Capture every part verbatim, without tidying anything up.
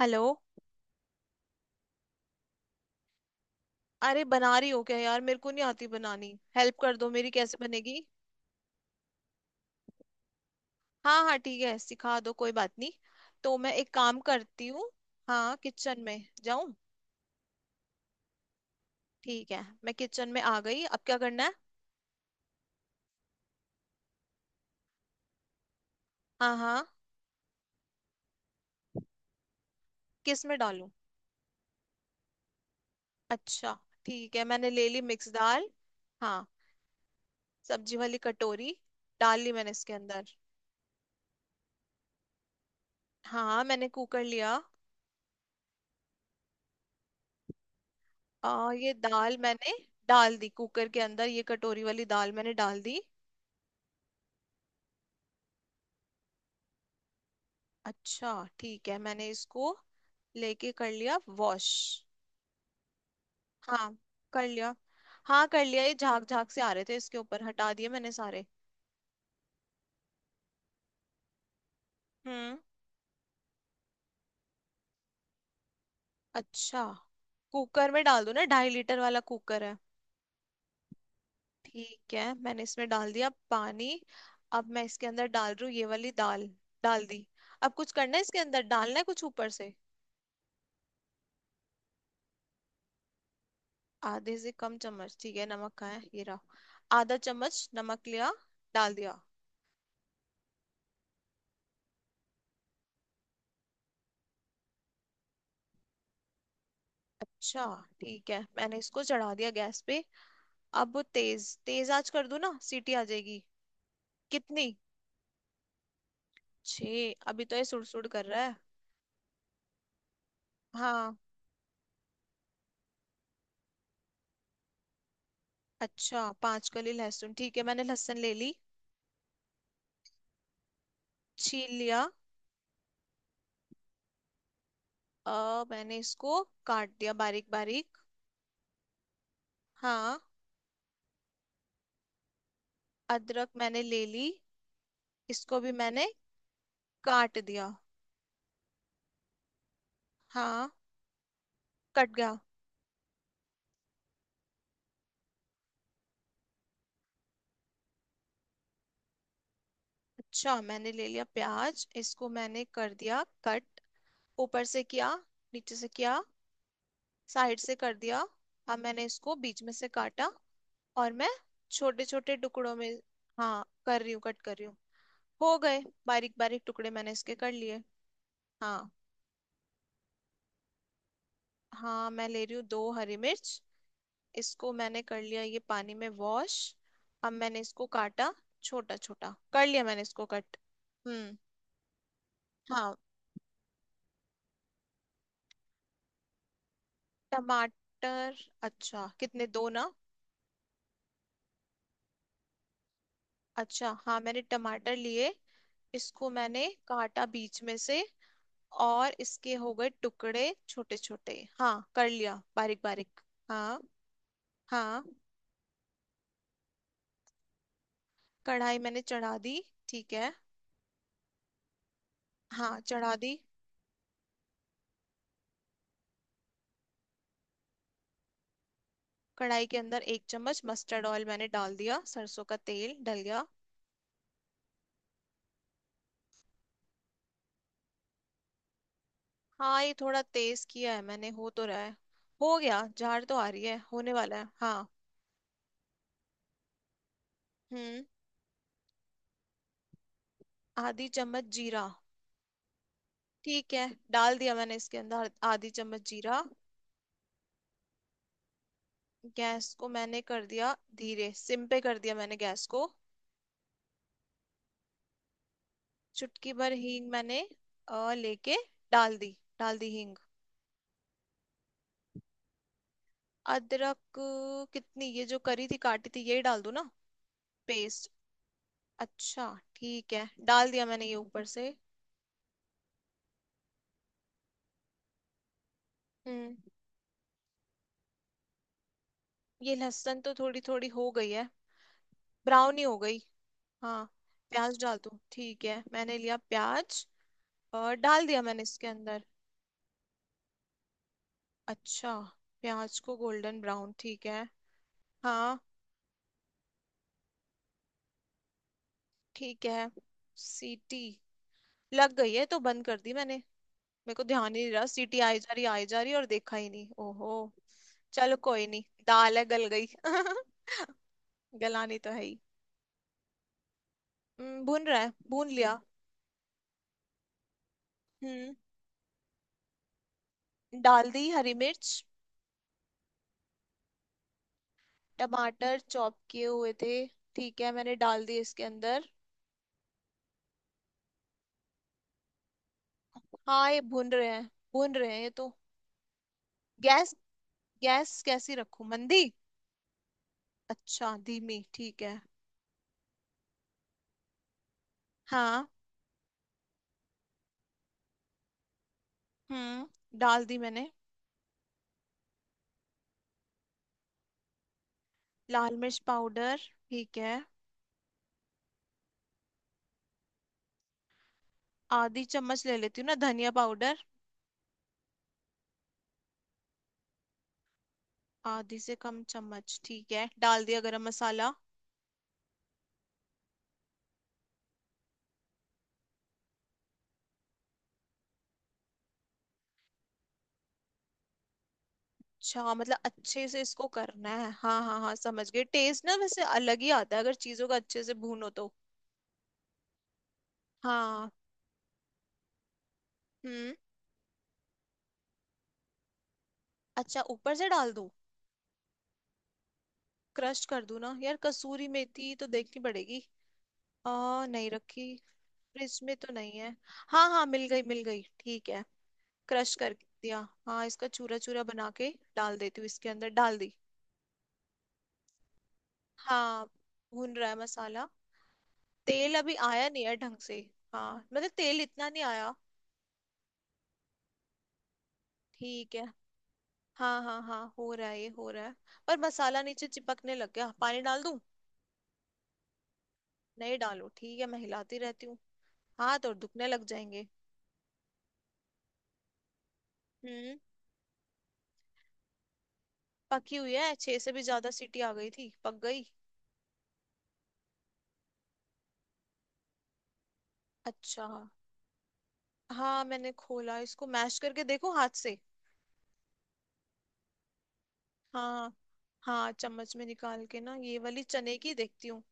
Hello. अरे बना रही हो क्या यार, मेरे को नहीं आती बनानी। हेल्प कर दो मेरी, कैसे बनेगी। हाँ हाँ ठीक है, सिखा दो, कोई बात नहीं। तो मैं एक काम करती हूँ। हाँ, किचन में जाऊँ। ठीक है, मैं किचन में आ गई, अब क्या करना है। हाँ हाँ। किस में डालूं। अच्छा। ठीक है, मैंने ले ली मिक्स दाल। हाँ। सब्जी वाली कटोरी डाल ली मैंने इसके अंदर। हाँ, मैंने कुकर लिया। आ, ये दाल मैंने डाल दी कुकर के अंदर, ये कटोरी वाली दाल मैंने डाल दी। अच्छा। ठीक है, मैंने इसको लेके कर लिया वॉश। हाँ कर लिया। हाँ कर लिया, ये झाग झाग से आ रहे थे इसके ऊपर, हटा दिए मैंने सारे। हम्म। अच्छा, कुकर में डाल दूं ना, ढाई लीटर वाला कुकर है। ठीक है, मैंने इसमें डाल दिया पानी। अब मैं इसके अंदर डाल रही हूँ ये वाली दाल। डाल दी। अब कुछ करना है, इसके अंदर डालना है कुछ ऊपर से। आधे से कम चम्मच ठीक है, नमक कहाँ है, ये रहा। आधा चम्मच नमक लिया। डाल दिया। अच्छा। ठीक है मैंने इसको चढ़ा दिया गैस पे। अब वो तेज तेज आंच कर दूं ना, सीटी आ जाएगी। कितनी? छः? अभी तो ये सुड़ सुड़ कर रहा है। हाँ। अच्छा, पांच कली लहसुन ठीक है, मैंने लहसुन ले ली। छील लिया। आ, मैंने इसको काट दिया बारीक बारीक। हाँ। अदरक मैंने ले ली। इसको भी मैंने काट दिया। हाँ, कट गया। अच्छा, मैंने ले लिया प्याज, इसको मैंने कर दिया कट। ऊपर से किया। नीचे से किया। साइड से कर दिया। अब मैंने इसको बीच में से काटा। और मैं छोटे छोटे टुकड़ों में। हाँ कर रही हूँ, कट कर रही हूँ। हो गए बारीक बारीक टुकड़े, मैंने इसके कर लिए। हाँ। हाँ, मैं ले रही हूँ दो हरी मिर्च। इसको मैंने कर लिया ये पानी में वॉश। अब मैंने इसको काटा। छोटा छोटा कर लिया मैंने इसको कट। हम्म। हाँ। टमाटर। अच्छा, कितने, दो ना। अच्छा, हाँ मैंने टमाटर लिए। इसको मैंने काटा बीच में से। और इसके हो गए टुकड़े छोटे छोटे। हाँ कर लिया बारीक बारीक। हाँ। हाँ। कढ़ाई मैंने चढ़ा दी। ठीक है। हाँ चढ़ा दी। कढ़ाई के अंदर एक चम्मच मस्टर्ड ऑयल मैंने डाल दिया, सरसों का तेल डल गया। हाँ, ये थोड़ा तेज किया है मैंने, हो तो रहा है। हो गया, झाड़ तो आ रही है, होने वाला है, हाँ। हम्म। आधी चम्मच जीरा ठीक है। डाल दिया मैंने इसके अंदर आधी चम्मच जीरा। गैस को मैंने कर दिया धीरे, सिम पे कर दिया मैंने गैस को। चुटकी भर हींग मैंने अ, लेके डाल दी, डाल दी हींग। अदरक अ, कितनी, ये जो करी थी, काटी थी, यही डाल दूं ना। पेस्ट। अच्छा। ठीक है, डाल दिया मैंने ये ऊपर से। हम्म। ये लहसुन तो थोड़ी थोड़ी हो गई है, ब्राउन ही हो गई। हाँ, प्याज डाल दूं ठीक है, मैंने लिया प्याज और डाल दिया मैंने इसके अंदर। अच्छा, प्याज को गोल्डन ब्राउन ठीक है। हाँ। ठीक है। सीटी लग गई है तो बंद कर दी मैंने। मेरे को ध्यान ही नहीं रहा, सीटी आई जा रही, आई जा रही और देखा ही नहीं, ओहो। चलो कोई नहीं, दाल है, गल गई गलानी तो है ही। हम्म, भून रहा है, भून लिया। हम्म। डाल दी हरी मिर्च। टमाटर चॉप किए हुए थे। ठीक है, मैंने डाल दिए इसके अंदर। हाँ, ये भून रहे हैं। भून रहे हैं ये तो। गैस गैस कैसी रखूं, मंदी? अच्छा, धीमी ठीक है। हाँ। हम्म, डाल दी मैंने। लाल मिर्च पाउडर ठीक है। आधी चम्मच ले लेती हूँ ना धनिया पाउडर। आधी से कम चम्मच ठीक है, डाल दिया गरम मसाला। अच्छा, मतलब अच्छे से इसको करना है, हाँ हाँ हाँ समझ गए, टेस्ट ना वैसे अलग ही आता है अगर चीजों का अच्छे से भूनो तो। हाँ। हम्म। अच्छा, ऊपर से डाल दूं। क्रश कर दूं ना यार, कसूरी मेथी तो देखनी पड़ेगी। आ नहीं रखी। फ्रिज में तो नहीं है। हाँ हाँ मिल गई मिल गई ठीक है। क्रश कर दिया। हाँ, इसका चूरा चूरा बना के डाल देती हूँ इसके अंदर, डाल दी। हाँ, भून रहा है मसाला, तेल अभी आया नहीं है ढंग से। हाँ, मतलब तेल इतना नहीं आया। ठीक है। हाँ हाँ हाँ, हो रहा है, ये हो रहा है। पर मसाला नीचे चिपकने लग गया, पानी डाल दूं? नहीं डालो ठीक है, मैं हिलाती रहती हूँ। हाथ और दुखने लग जाएंगे। हम्म। पकी हुई है, छह से भी ज्यादा सीटी आ गई थी, पक गई। अच्छा। हाँ मैंने खोला, इसको मैश करके देखो हाथ से। हाँ। हाँ, चम्मच में निकाल के ना, ये वाली चने की देखती हूँ।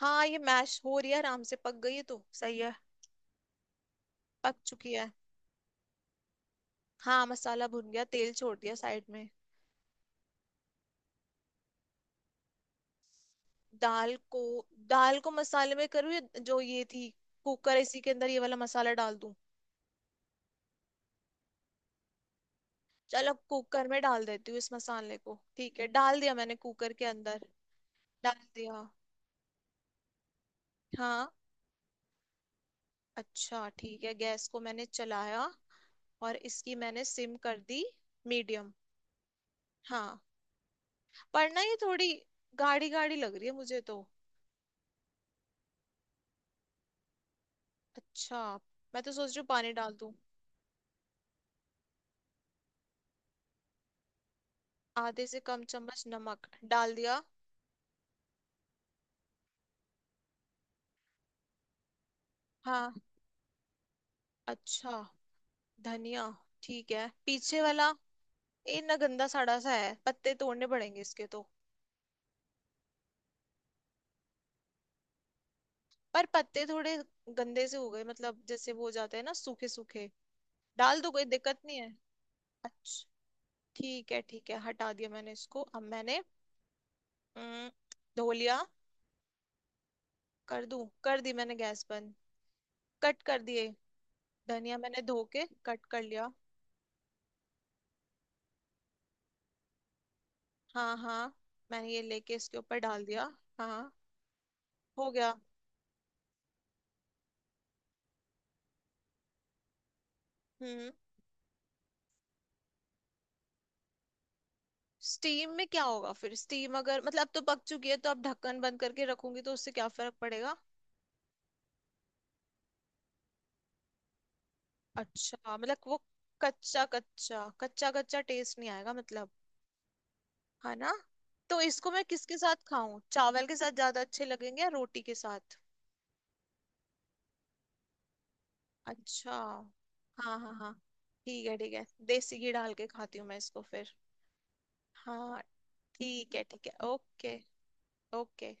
हाँ, ये मैश हो रही है आराम से, पक गई है तो सही है। पक चुकी है। हाँ, मसाला भुन गया, तेल छोड़ दिया साइड में। दाल को दाल को मसाले में करूँ या जो ये थी कुकर इसी के अंदर ये वाला मसाला डाल दूं। चलो कुकर में डाल देती हूँ इस मसाले को, ठीक है, डाल दिया मैंने कुकर के अंदर। डाल दिया। हाँ। अच्छा ठीक है, गैस को मैंने चलाया और इसकी मैंने सिम कर दी। मीडियम। हाँ। पर ना ये थोड़ी गाढ़ी गाढ़ी लग रही है मुझे तो। अच्छा। मैं तो सोच रही हूँ पानी डाल दूं। आधे से कम चम्मच नमक डाल दिया। हाँ। अच्छा, धनिया ठीक है, पीछे वाला। ये ना गंदा सड़ा सा है, पत्ते तोड़ने पड़ेंगे इसके तो। पर पत्ते थोड़े गंदे से हो गए, मतलब जैसे वो हो जाते हैं ना, सूखे सूखे। डाल दो, कोई दिक्कत नहीं है। अच्छा ठीक है ठीक है, हटा दिया मैंने इसको, अब मैंने हम्म, धो लिया। कर दूं, कर दी मैंने गैस बंद। कट कर दिए धनिया, मैंने धो के कट कर लिया। हाँ हाँ। मैंने ये लेके इसके ऊपर डाल दिया। हाँ, हो गया। हम्म। स्टीम में क्या होगा फिर, स्टीम अगर मतलब अब तो पक चुकी है तो अब ढक्कन बंद करके रखूंगी तो उससे क्या फर्क पड़ेगा। अच्छा, मतलब वो कच्चा कच्चा, कच्चा कच्चा टेस्ट नहीं आएगा मतलब, है ना। तो इसको मैं किसके साथ खाऊं, चावल के साथ ज्यादा अच्छे लगेंगे या रोटी के साथ। अच्छा, हाँ हाँ हाँ। ठीक है ठीक है, देसी घी डाल के खाती हूँ मैं इसको फिर। हाँ। ठीक है ठीक है ओके। ओके।